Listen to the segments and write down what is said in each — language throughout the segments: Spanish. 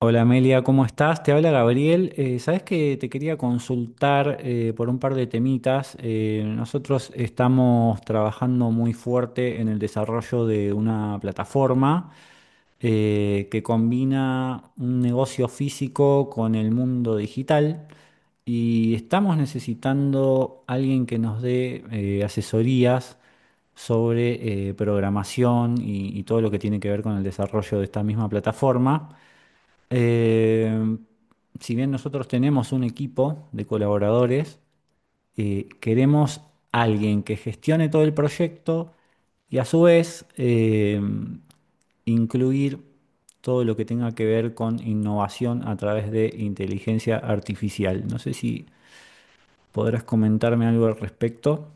Hola Amelia, ¿cómo estás? Te habla Gabriel. Sabes que te quería consultar por un par de temitas. Nosotros estamos trabajando muy fuerte en el desarrollo de una plataforma que combina un negocio físico con el mundo digital y estamos necesitando alguien que nos dé asesorías sobre programación y todo lo que tiene que ver con el desarrollo de esta misma plataforma. Eh, si bien nosotros tenemos un equipo de colaboradores, queremos alguien que gestione todo el proyecto y a su vez incluir todo lo que tenga que ver con innovación a través de inteligencia artificial. No sé si podrás comentarme algo al respecto.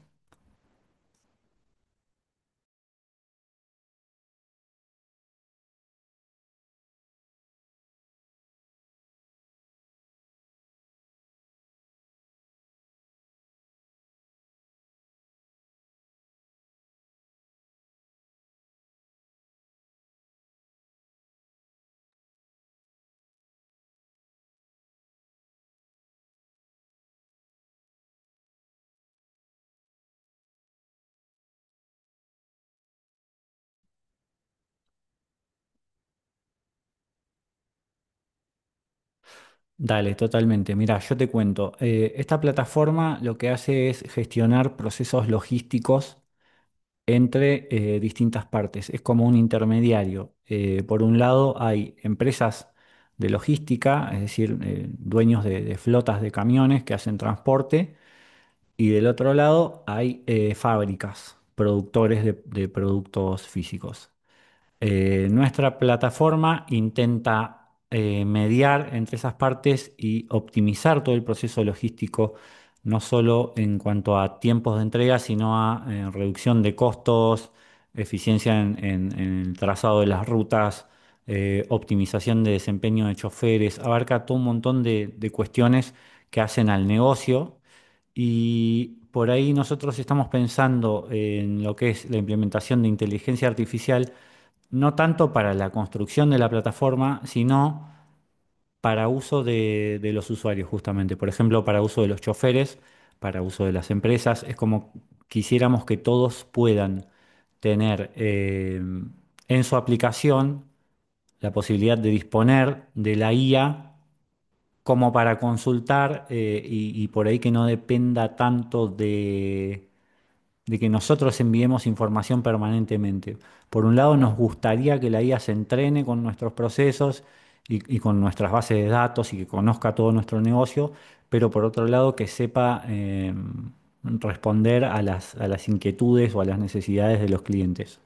Dale, totalmente. Mira, yo te cuento. Esta plataforma lo que hace es gestionar procesos logísticos entre distintas partes. Es como un intermediario. Por un lado hay empresas de logística, es decir, dueños de flotas de camiones que hacen transporte, y del otro lado hay fábricas, productores de productos físicos. Nuestra plataforma intenta mediar entre esas partes y optimizar todo el proceso logístico, no solo en cuanto a tiempos de entrega, sino a reducción de costos, eficiencia en el trazado de las rutas, optimización de desempeño de choferes, abarca todo un montón de cuestiones que hacen al negocio. Y por ahí nosotros estamos pensando en lo que es la implementación de inteligencia artificial no tanto para la construcción de la plataforma, sino para uso de los usuarios justamente. Por ejemplo, para uso de los choferes, para uso de las empresas. Es como quisiéramos que todos puedan tener en su aplicación la posibilidad de disponer de la IA como para consultar y por ahí que no dependa tanto de que nosotros enviemos información permanentemente. Por un lado, nos gustaría que la IA se entrene con nuestros procesos y con nuestras bases de datos y que conozca todo nuestro negocio, pero por otro lado, que sepa responder a las inquietudes o a las necesidades de los clientes.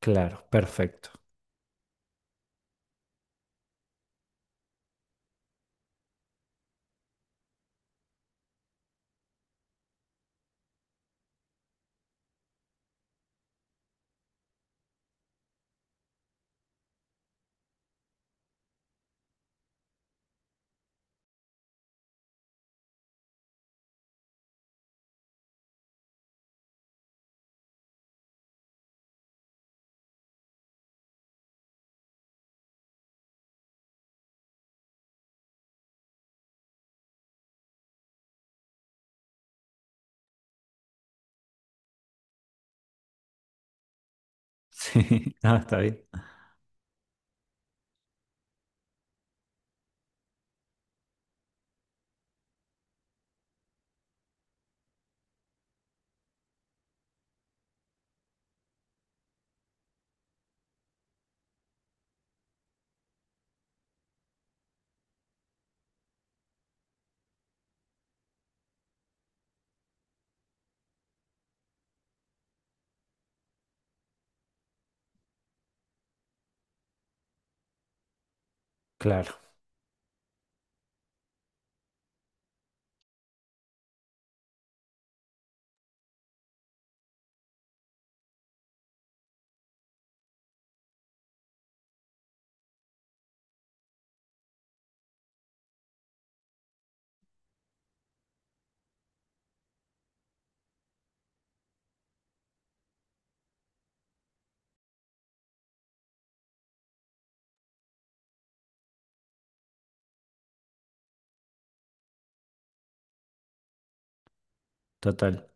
Claro, perfecto. Sí, no, está bien. Claro. Total,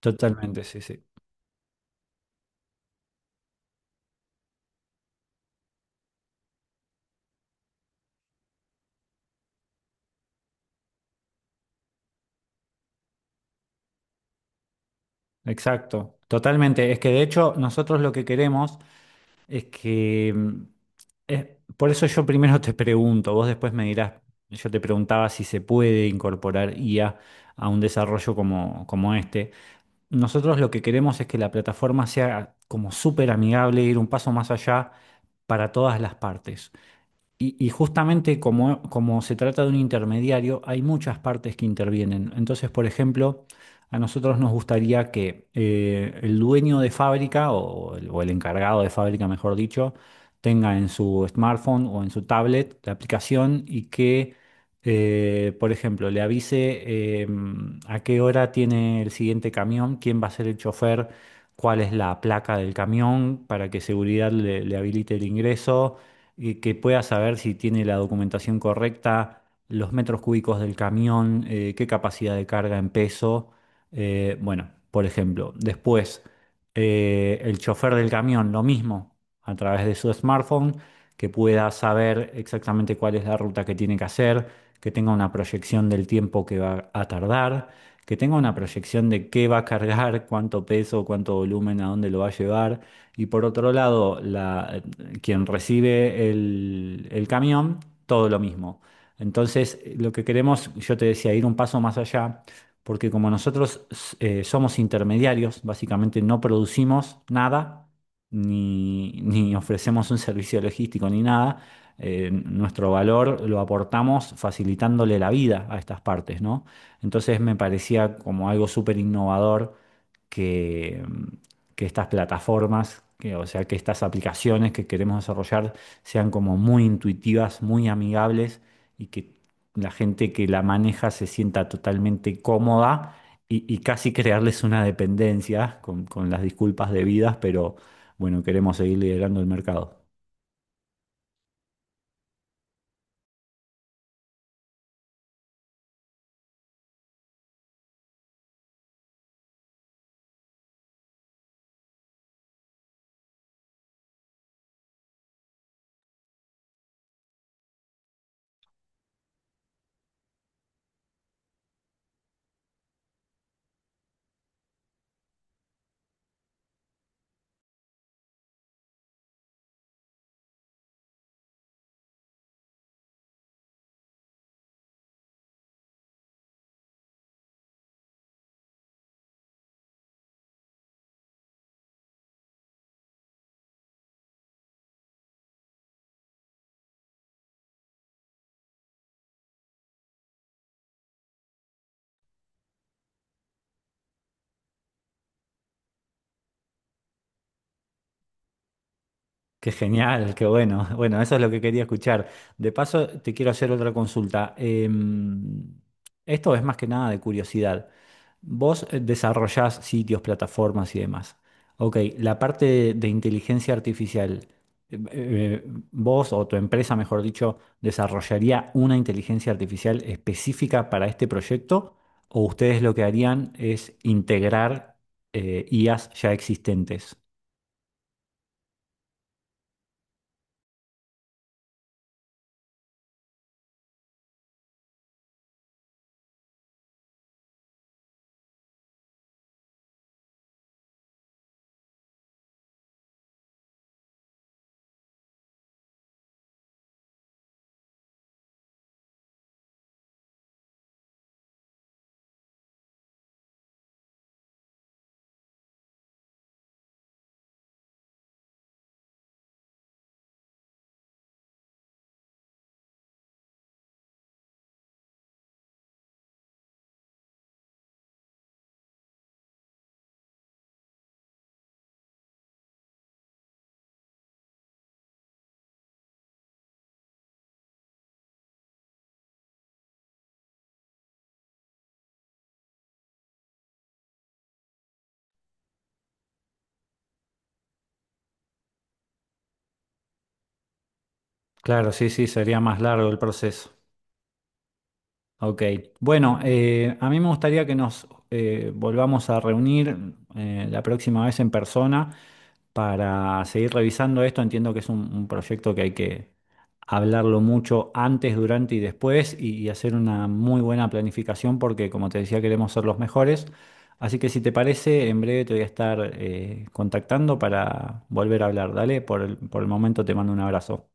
totalmente, sí, sí. Exacto, totalmente. Es que de hecho nosotros lo que queremos es que... es- por eso yo primero te pregunto, vos después me dirás, yo te preguntaba si se puede incorporar IA a un desarrollo como este. Nosotros lo que queremos es que la plataforma sea como súper amigable, ir un paso más allá para todas las partes. Y justamente como se trata de un intermediario, hay muchas partes que intervienen. Entonces, por ejemplo, a nosotros nos gustaría que el dueño de fábrica o el encargado de fábrica, mejor dicho, tenga en su smartphone o en su tablet la aplicación y que, por ejemplo, le avise eh, a qué hora tiene el siguiente camión, quién va a ser el chofer, cuál es la placa del camión para que seguridad le habilite el ingreso, que pueda saber si tiene la documentación correcta, los metros cúbicos del camión, qué capacidad de carga en peso. Bueno, por ejemplo, después el chofer del camión, lo mismo, a través de su smartphone, que pueda saber exactamente cuál es la ruta que tiene que hacer, que tenga una proyección del tiempo que va a tardar, que tenga una proyección de qué va a cargar, cuánto peso, cuánto volumen, a dónde lo va a llevar. Y por otro lado, quien recibe el camión, todo lo mismo. Entonces, lo que queremos, yo te decía, ir un paso más allá, porque como nosotros somos intermediarios, básicamente no producimos nada, ni ofrecemos un servicio logístico, ni nada. Nuestro valor lo aportamos facilitándole la vida a estas partes, ¿no? Entonces, me parecía como algo súper innovador que, que estas plataformas, que, o sea, que estas aplicaciones que queremos desarrollar sean como muy intuitivas, muy amigables y que la gente que la maneja se sienta totalmente cómoda y casi crearles una dependencia con las disculpas debidas, pero bueno, queremos seguir liderando el mercado. Qué genial, qué bueno. Bueno, eso es lo que quería escuchar. De paso, te quiero hacer otra consulta. Em, Esto es más que nada de curiosidad. Vos desarrollás sitios, plataformas y demás. Ok, la parte de inteligencia artificial, em, eh, eh, vos o tu empresa, mejor dicho, ¿desarrollaría una inteligencia artificial específica para este proyecto? ¿O ustedes lo que harían es integrar IAs ya existentes? Claro, sí, sí, sería más largo el proceso. Ok. Bueno, a mí me gustaría que nos volvamos a reunir la próxima vez en persona para seguir revisando esto. Entiendo que es un proyecto que hay que hablarlo mucho antes, durante y después y hacer una muy buena planificación porque, como te decía, queremos ser los mejores. Así que si te parece, en breve te voy a estar contactando para volver a hablar. Dale, por el momento te mando un abrazo.